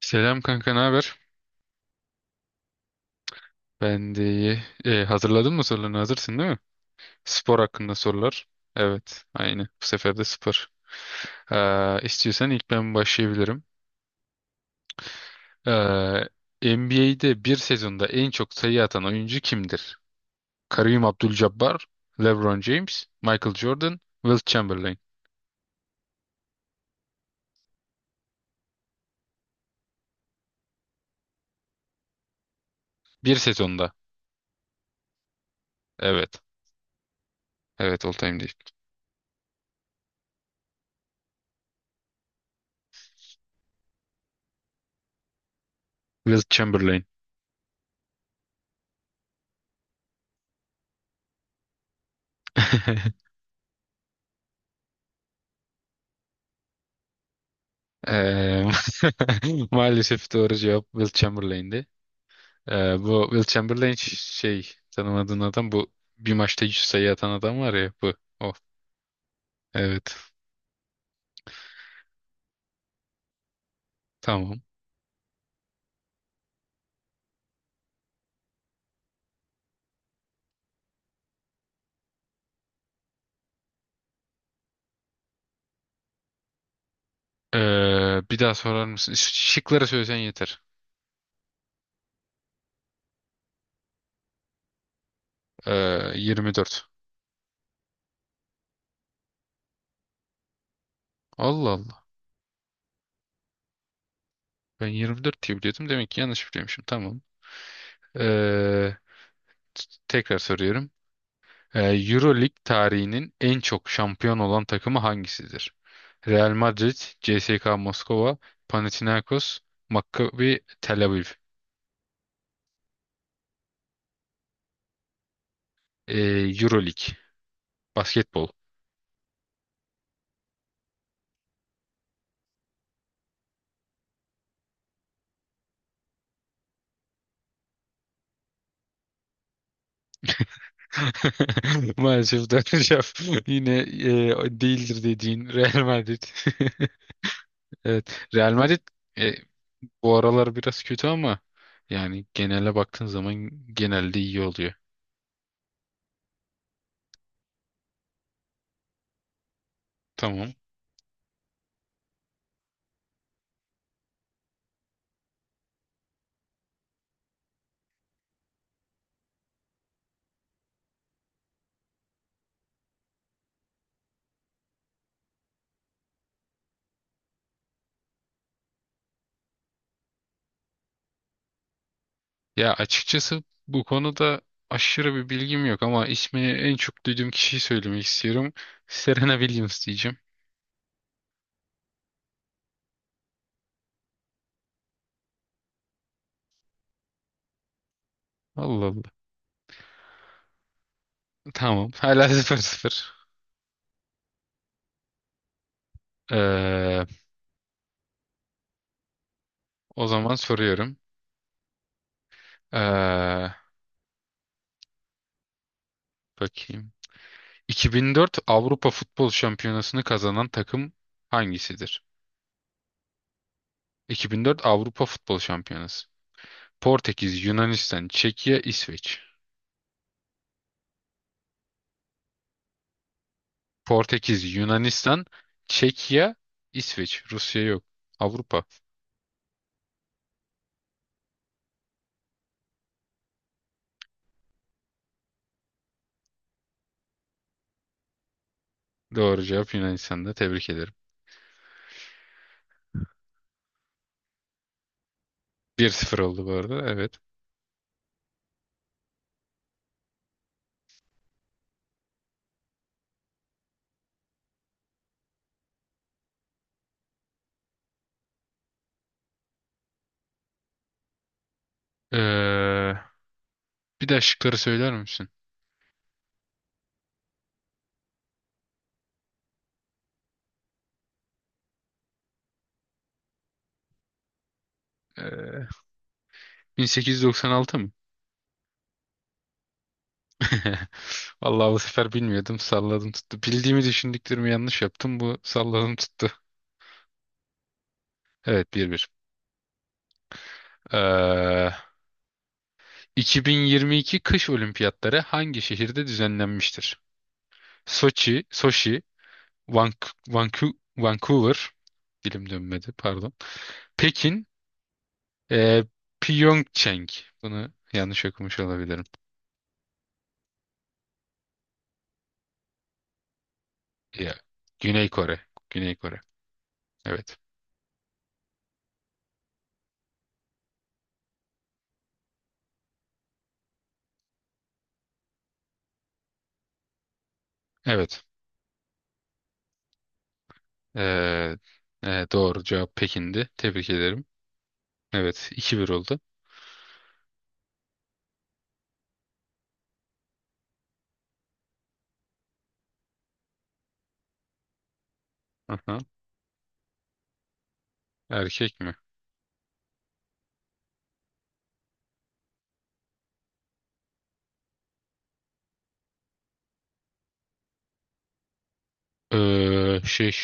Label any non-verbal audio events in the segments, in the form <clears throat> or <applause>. Selam kanka, ne haber? Ben de iyi. Hazırladın mı sorularını? Hazırsın değil mi? Spor hakkında sorular. Evet, aynı. Bu sefer de spor. İstiyorsan ilk ben başlayabilirim. Ee, NBA'de bir sezonda en çok sayı atan oyuncu kimdir? Kareem Abdul-Jabbar, LeBron James, Michael Jordan, Wilt Chamberlain. Bir sezonda. Evet. Evet, all time değil. Wilt Chamberlain. <laughs> Ee, <laughs> maalesef doğru cevap Wilt Chamberlain'di. Bu Will Chamberlain şey, tanımadığın adam bu, bir maçta 100 sayı atan adam var ya, bu o. Evet, tamam. Bir daha sorar mısın? Şıkları söylesen yeter. 24. Allah Allah. Ben 24 diye biliyordum. Demek ki yanlış biliyormuşum. Tamam. Ee, Tekrar soruyorum. Euroleague tarihinin en çok şampiyon olan takımı hangisidir? Real Madrid, CSKA Moskova, Panathinaikos, Maccabi Tel Aviv. Ee, Euroleague. Basketbol. <laughs> Maalesef döneceğim. <laughs> Yine değildir dediğin Real Madrid. <laughs> Evet. Real Madrid e, bu aralar biraz kötü ama yani genele baktığın zaman genelde iyi oluyor. Tamam. Ya açıkçası bu konuda aşırı bir bilgim yok ama ismini en çok duyduğum kişiyi söylemek istiyorum. Serena Williams diyeceğim. Allah Allah. Tamam. Hala 0-0. Ee, O zaman soruyorum. Ee, Bakayım. 2004 Avrupa Futbol Şampiyonası'nı kazanan takım hangisidir? 2004 Avrupa Futbol Şampiyonası. Portekiz, Yunanistan, Çekya, İsveç. Portekiz, Yunanistan, Çekya, İsveç. Rusya yok. Avrupa. Doğru cevap Yunanistan'da. Tebrik ederim. 1-0 oldu bu arada. Evet. Ee, Bir daha şıkları söyler misin? Ee, 1896. <laughs> Vallahi bu sefer bilmiyordum. Salladım tuttu. Bildiğimi düşündüklerimi yanlış yaptım. Bu salladım tuttu. Evet, bir bir. Ee, 2022 kış olimpiyatları hangi şehirde düzenlenmiştir? Soçi, Soşi, Vancouver, dilim dönmedi, pardon. Pekin, e, Pyeongchang. Bunu yanlış okumuş olabilirim. Ya, Güney Kore. Güney Kore. Evet. Evet. Ee, doğru cevap Pekin'di. Tebrik ederim. Evet. iki bir oldu. Aha. Erkek mi? Şey.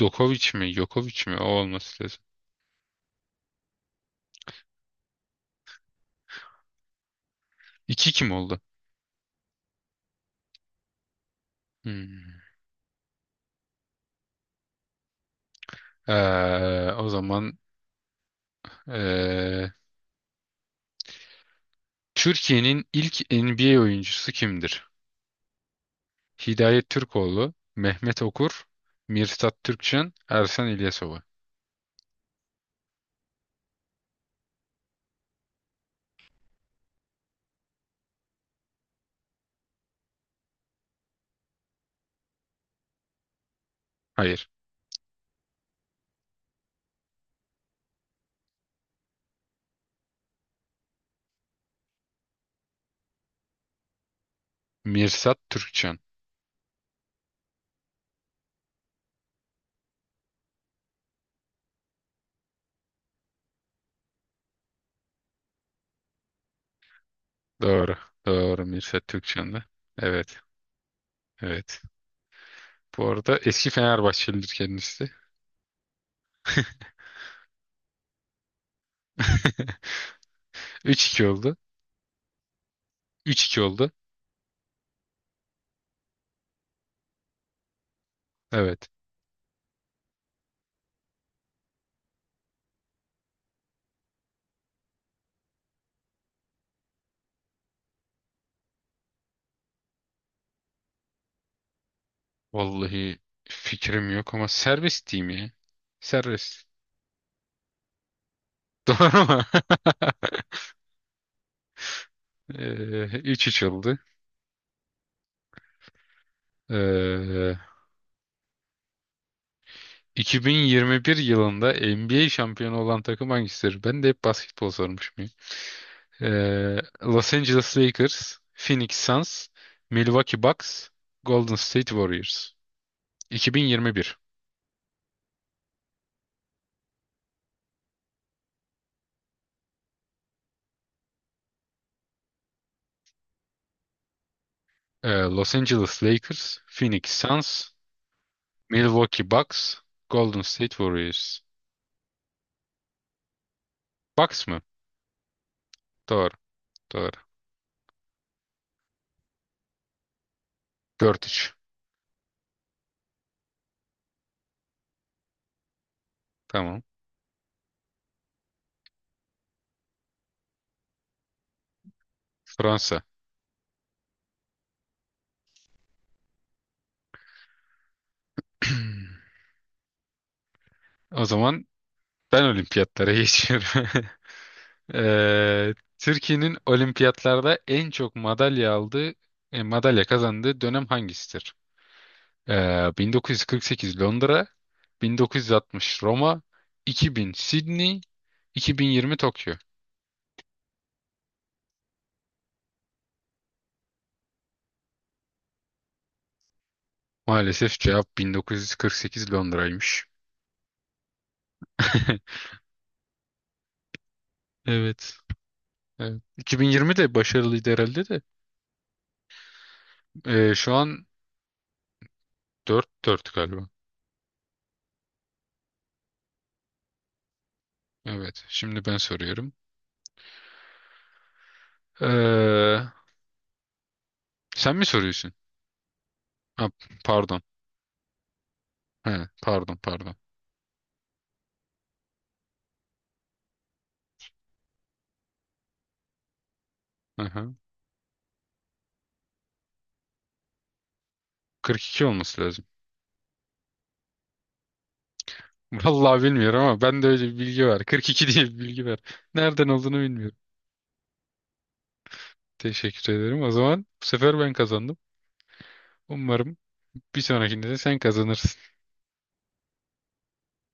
Djokovic mi? Djokovic mi? O olması lazım. 2 kim oldu? Hmm. O zaman ee, Türkiye'nin ilk NBA oyuncusu kimdir? Hidayet Türkoğlu, Mehmet Okur, Mirsat Türkçen, Ersan İlyasova. Hayır. Mirsat Türkçen. Doğru. Doğru. Mirsat Türkçen'di. Evet. Evet. Bu arada eski Fenerbahçelidir kendisi. <laughs> Üç iki oldu. Üç iki oldu. Evet. Vallahi fikrim yok ama serbest diyeyim ya. Serbest. <laughs> Doğru mu? <laughs> 3-3 oldu. Ee, 2021 yılında NBA şampiyonu olan takım hangisidir? Ben de hep basketbol sormuşum ya. Los Angeles Lakers, Phoenix Suns, Milwaukee Bucks, Golden State Warriors. 2021. Los Angeles Lakers, Phoenix Suns, Milwaukee Bucks, Golden State Warriors. Bax mı? Doğru. Doğru. 4-3. Tamam. Fransa. <clears throat> O zaman ben olimpiyatlara <laughs> geçiyorum. Türkiye'nin olimpiyatlarda en çok madalya aldığı, madalya kazandığı dönem hangisidir? 1948 Londra, 1960 Roma, 2000 Sydney, 2020 Tokyo. Maalesef cevap 1948 Londra'ymış. <laughs> Evet. Evet. 2020 de başarılıydı herhalde de. Şu an dört dört galiba. Evet. Şimdi ben soruyorum. Ee, Sen mi soruyorsun? Ha, pardon. He, pardon, pardon. Aha. 42 olması lazım. <laughs> Vallahi bilmiyorum ama ben de öyle bir bilgi var. 42 diye bir bilgi var. Nereden olduğunu bilmiyorum. Teşekkür ederim. O zaman bu sefer ben kazandım. Umarım bir sonrakinde de sen kazanırsın.